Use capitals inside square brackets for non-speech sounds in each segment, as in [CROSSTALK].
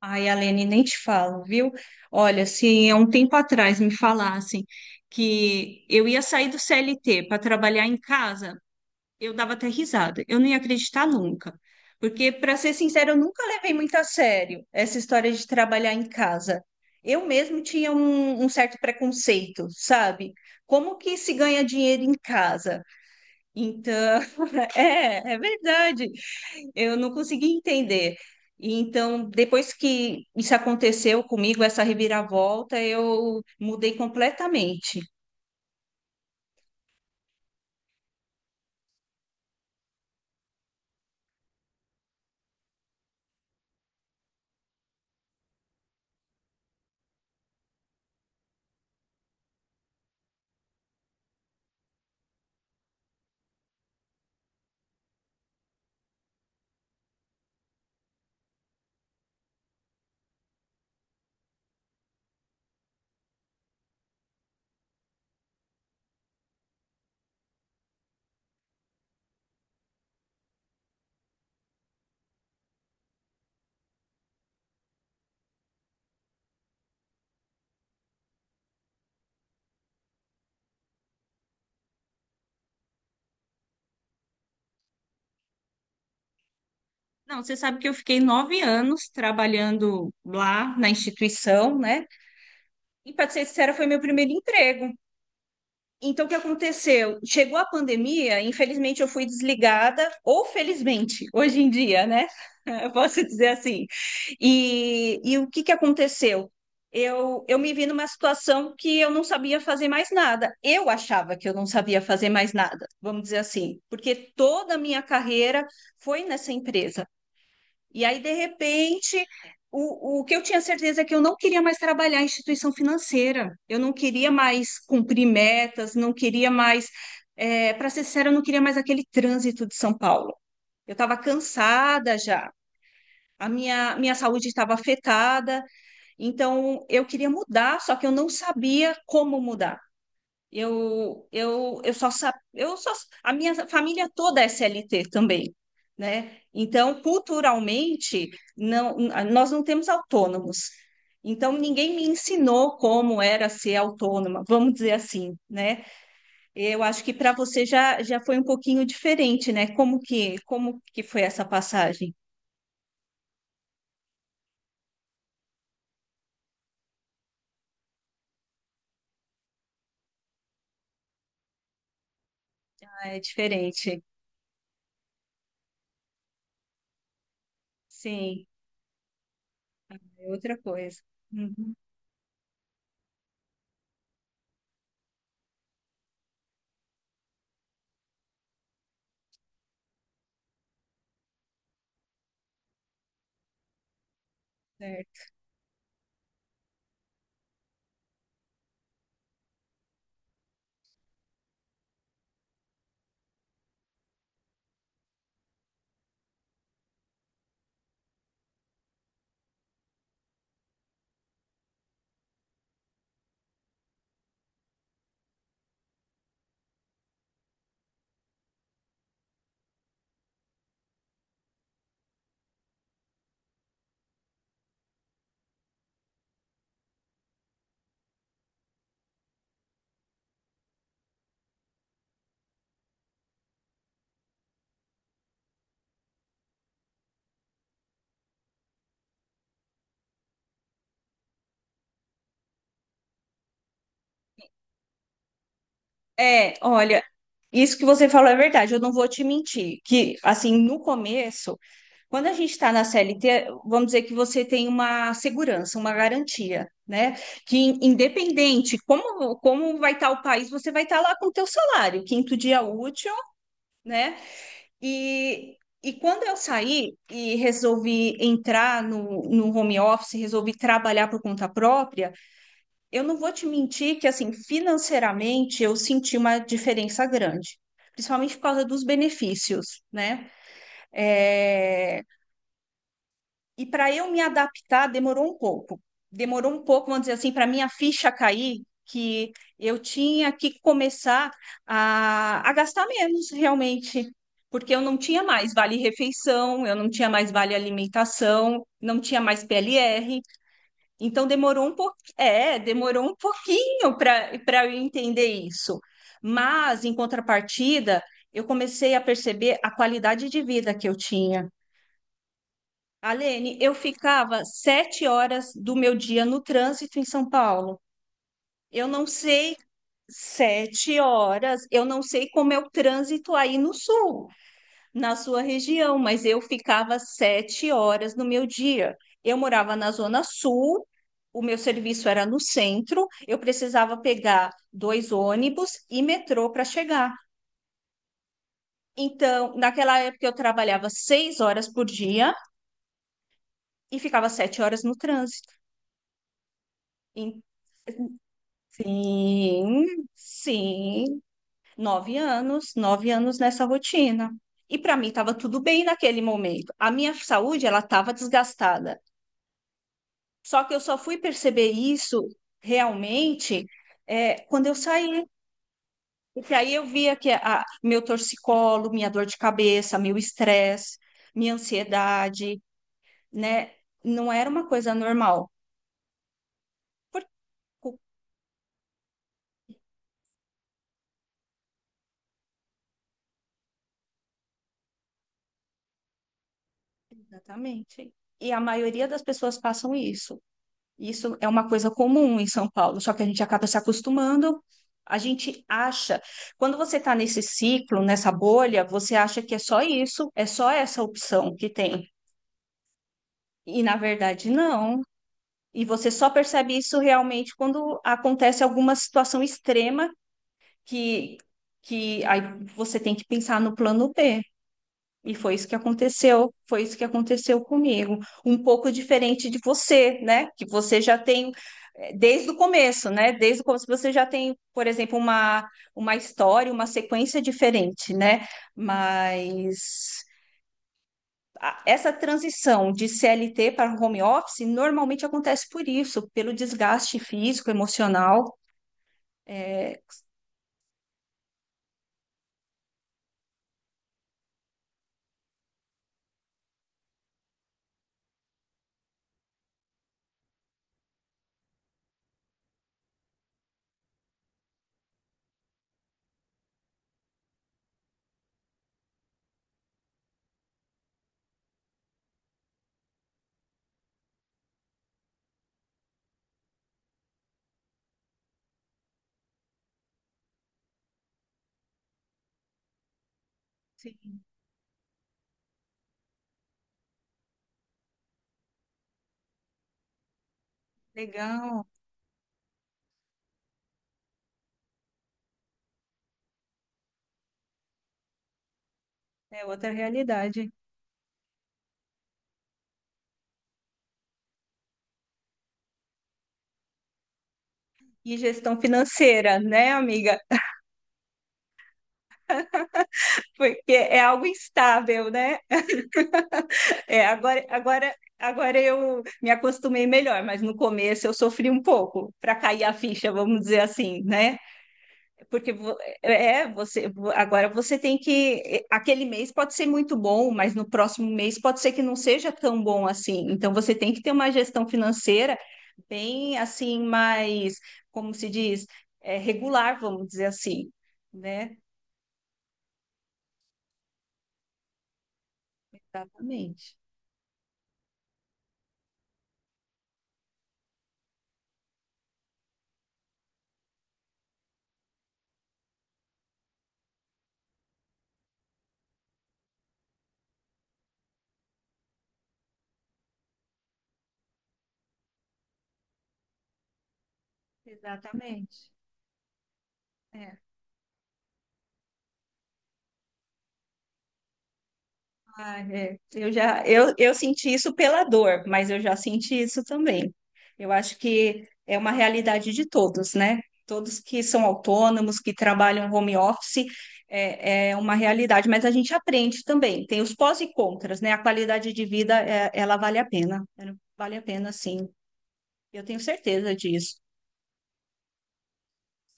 Ai, Alene, nem te falo, viu? Olha, se há um tempo atrás me falassem que eu ia sair do CLT para trabalhar em casa, eu dava até risada. Eu não ia acreditar nunca. Porque, para ser sincera, eu nunca levei muito a sério essa história de trabalhar em casa. Eu mesmo tinha um certo preconceito, sabe? Como que se ganha dinheiro em casa? Então, [LAUGHS] é verdade eu não consegui entender. E então, depois que isso aconteceu comigo, essa reviravolta, eu mudei completamente. Não, você sabe que eu fiquei 9 anos trabalhando lá na instituição, né? E para ser sincera, foi meu primeiro emprego. Então, o que aconteceu? Chegou a pandemia, infelizmente eu fui desligada, ou felizmente, hoje em dia, né? [LAUGHS] Eu posso dizer assim. E o que que aconteceu? Eu me vi numa situação que eu não sabia fazer mais nada. Eu achava que eu não sabia fazer mais nada, vamos dizer assim, porque toda a minha carreira foi nessa empresa. E aí, de repente, o que eu tinha certeza é que eu não queria mais trabalhar em instituição financeira, eu não queria mais cumprir metas, não queria mais, para ser sincera, eu não queria mais aquele trânsito de São Paulo. Eu estava cansada já, a minha saúde estava afetada, então eu queria mudar, só que eu não sabia como mudar. Eu só sa- eu só, a minha família toda é SLT também, né? Então, culturalmente, não, nós não temos autônomos. Então, ninguém me ensinou como era ser autônoma, vamos dizer assim, né? Eu acho que para você já foi um pouquinho diferente, né? Como que foi essa passagem? Ah, é diferente. Sim, é outra coisa. Uhum, certo. É, olha, isso que você falou é verdade, eu não vou te mentir, que assim, no começo, quando a gente está na CLT, vamos dizer que você tem uma segurança, uma garantia, né? Que independente como vai estar o país, você vai estar lá com o teu salário, quinto dia útil, né? E, e quando eu saí e resolvi entrar no home office, resolvi trabalhar por conta própria, eu não vou te mentir que, assim, financeiramente eu senti uma diferença grande, principalmente por causa dos benefícios, né? É, e para eu me adaptar demorou um pouco. Demorou um pouco, vamos dizer assim, para minha ficha cair, que eu tinha que começar a gastar menos realmente, porque eu não tinha mais vale refeição, eu não tinha mais vale alimentação, não tinha mais PLR. Então demorou um pouquinho, é, demorou um pouquinho para eu entender isso. Mas em contrapartida, eu comecei a perceber a qualidade de vida que eu tinha. Alene, eu ficava 7 horas do meu dia no trânsito em São Paulo. Eu não sei 7 horas, eu não sei como é o trânsito aí no sul na sua região, mas eu ficava 7 horas no meu dia. Eu morava na Zona Sul, o meu serviço era no centro, eu precisava pegar dois ônibus e metrô para chegar. Então, naquela época, eu trabalhava 6 horas por dia e ficava 7 horas no trânsito. Em- Sim, sim, 9 anos, 9 anos nessa rotina. E para mim estava tudo bem naquele momento. A minha saúde, ela estava desgastada. Só que eu só fui perceber isso realmente quando eu saí. Porque aí eu via que a, meu torcicolo, minha dor de cabeça, meu estresse, minha ansiedade, né? Não era uma coisa normal. Por- Exatamente. E a maioria das pessoas passam isso. Isso é uma coisa comum em São Paulo, só que a gente acaba se acostumando. A gente acha, quando você está nesse ciclo, nessa bolha, você acha que é só isso, é só essa opção que tem. E na verdade, não. E você só percebe isso realmente quando acontece alguma situação extrema que, que aí você tem que pensar no plano B. E foi isso que aconteceu, foi isso que aconteceu comigo. Um pouco diferente de você, né? Que você já tem desde o começo, né? Desde o começo você já tem, por exemplo, uma história, uma sequência diferente, né? Mas essa transição de CLT para home office normalmente acontece por isso, pelo desgaste físico, emocional. É, sim, legal, é outra realidade. E gestão financeira, né, amiga? Porque é algo instável, né? É, agora eu me acostumei melhor, mas no começo eu sofri um pouco para cair a ficha, vamos dizer assim, né? Porque vo- é, é, você agora você tem que aquele mês pode ser muito bom, mas no próximo mês pode ser que não seja tão bom assim. Então você tem que ter uma gestão financeira bem assim, mais, como se diz, é, regular, vamos dizer assim, né? Exatamente. Exatamente. Ah, é. Eu já eu senti isso pela dor, mas eu já senti isso também. Eu acho que é uma realidade de todos, né? Todos que são autônomos, que trabalham home office, é uma realidade, mas a gente aprende também. Tem os pós e contras, né? A qualidade de vida, ela vale a pena. Ela vale a pena, sim. Eu tenho certeza disso,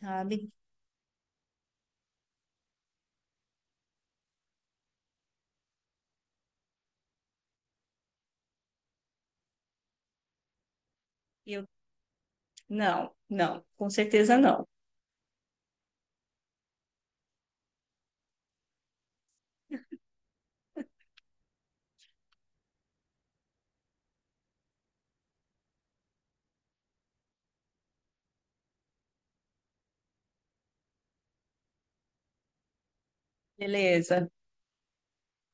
sabe? Eu, não, com certeza não. Beleza.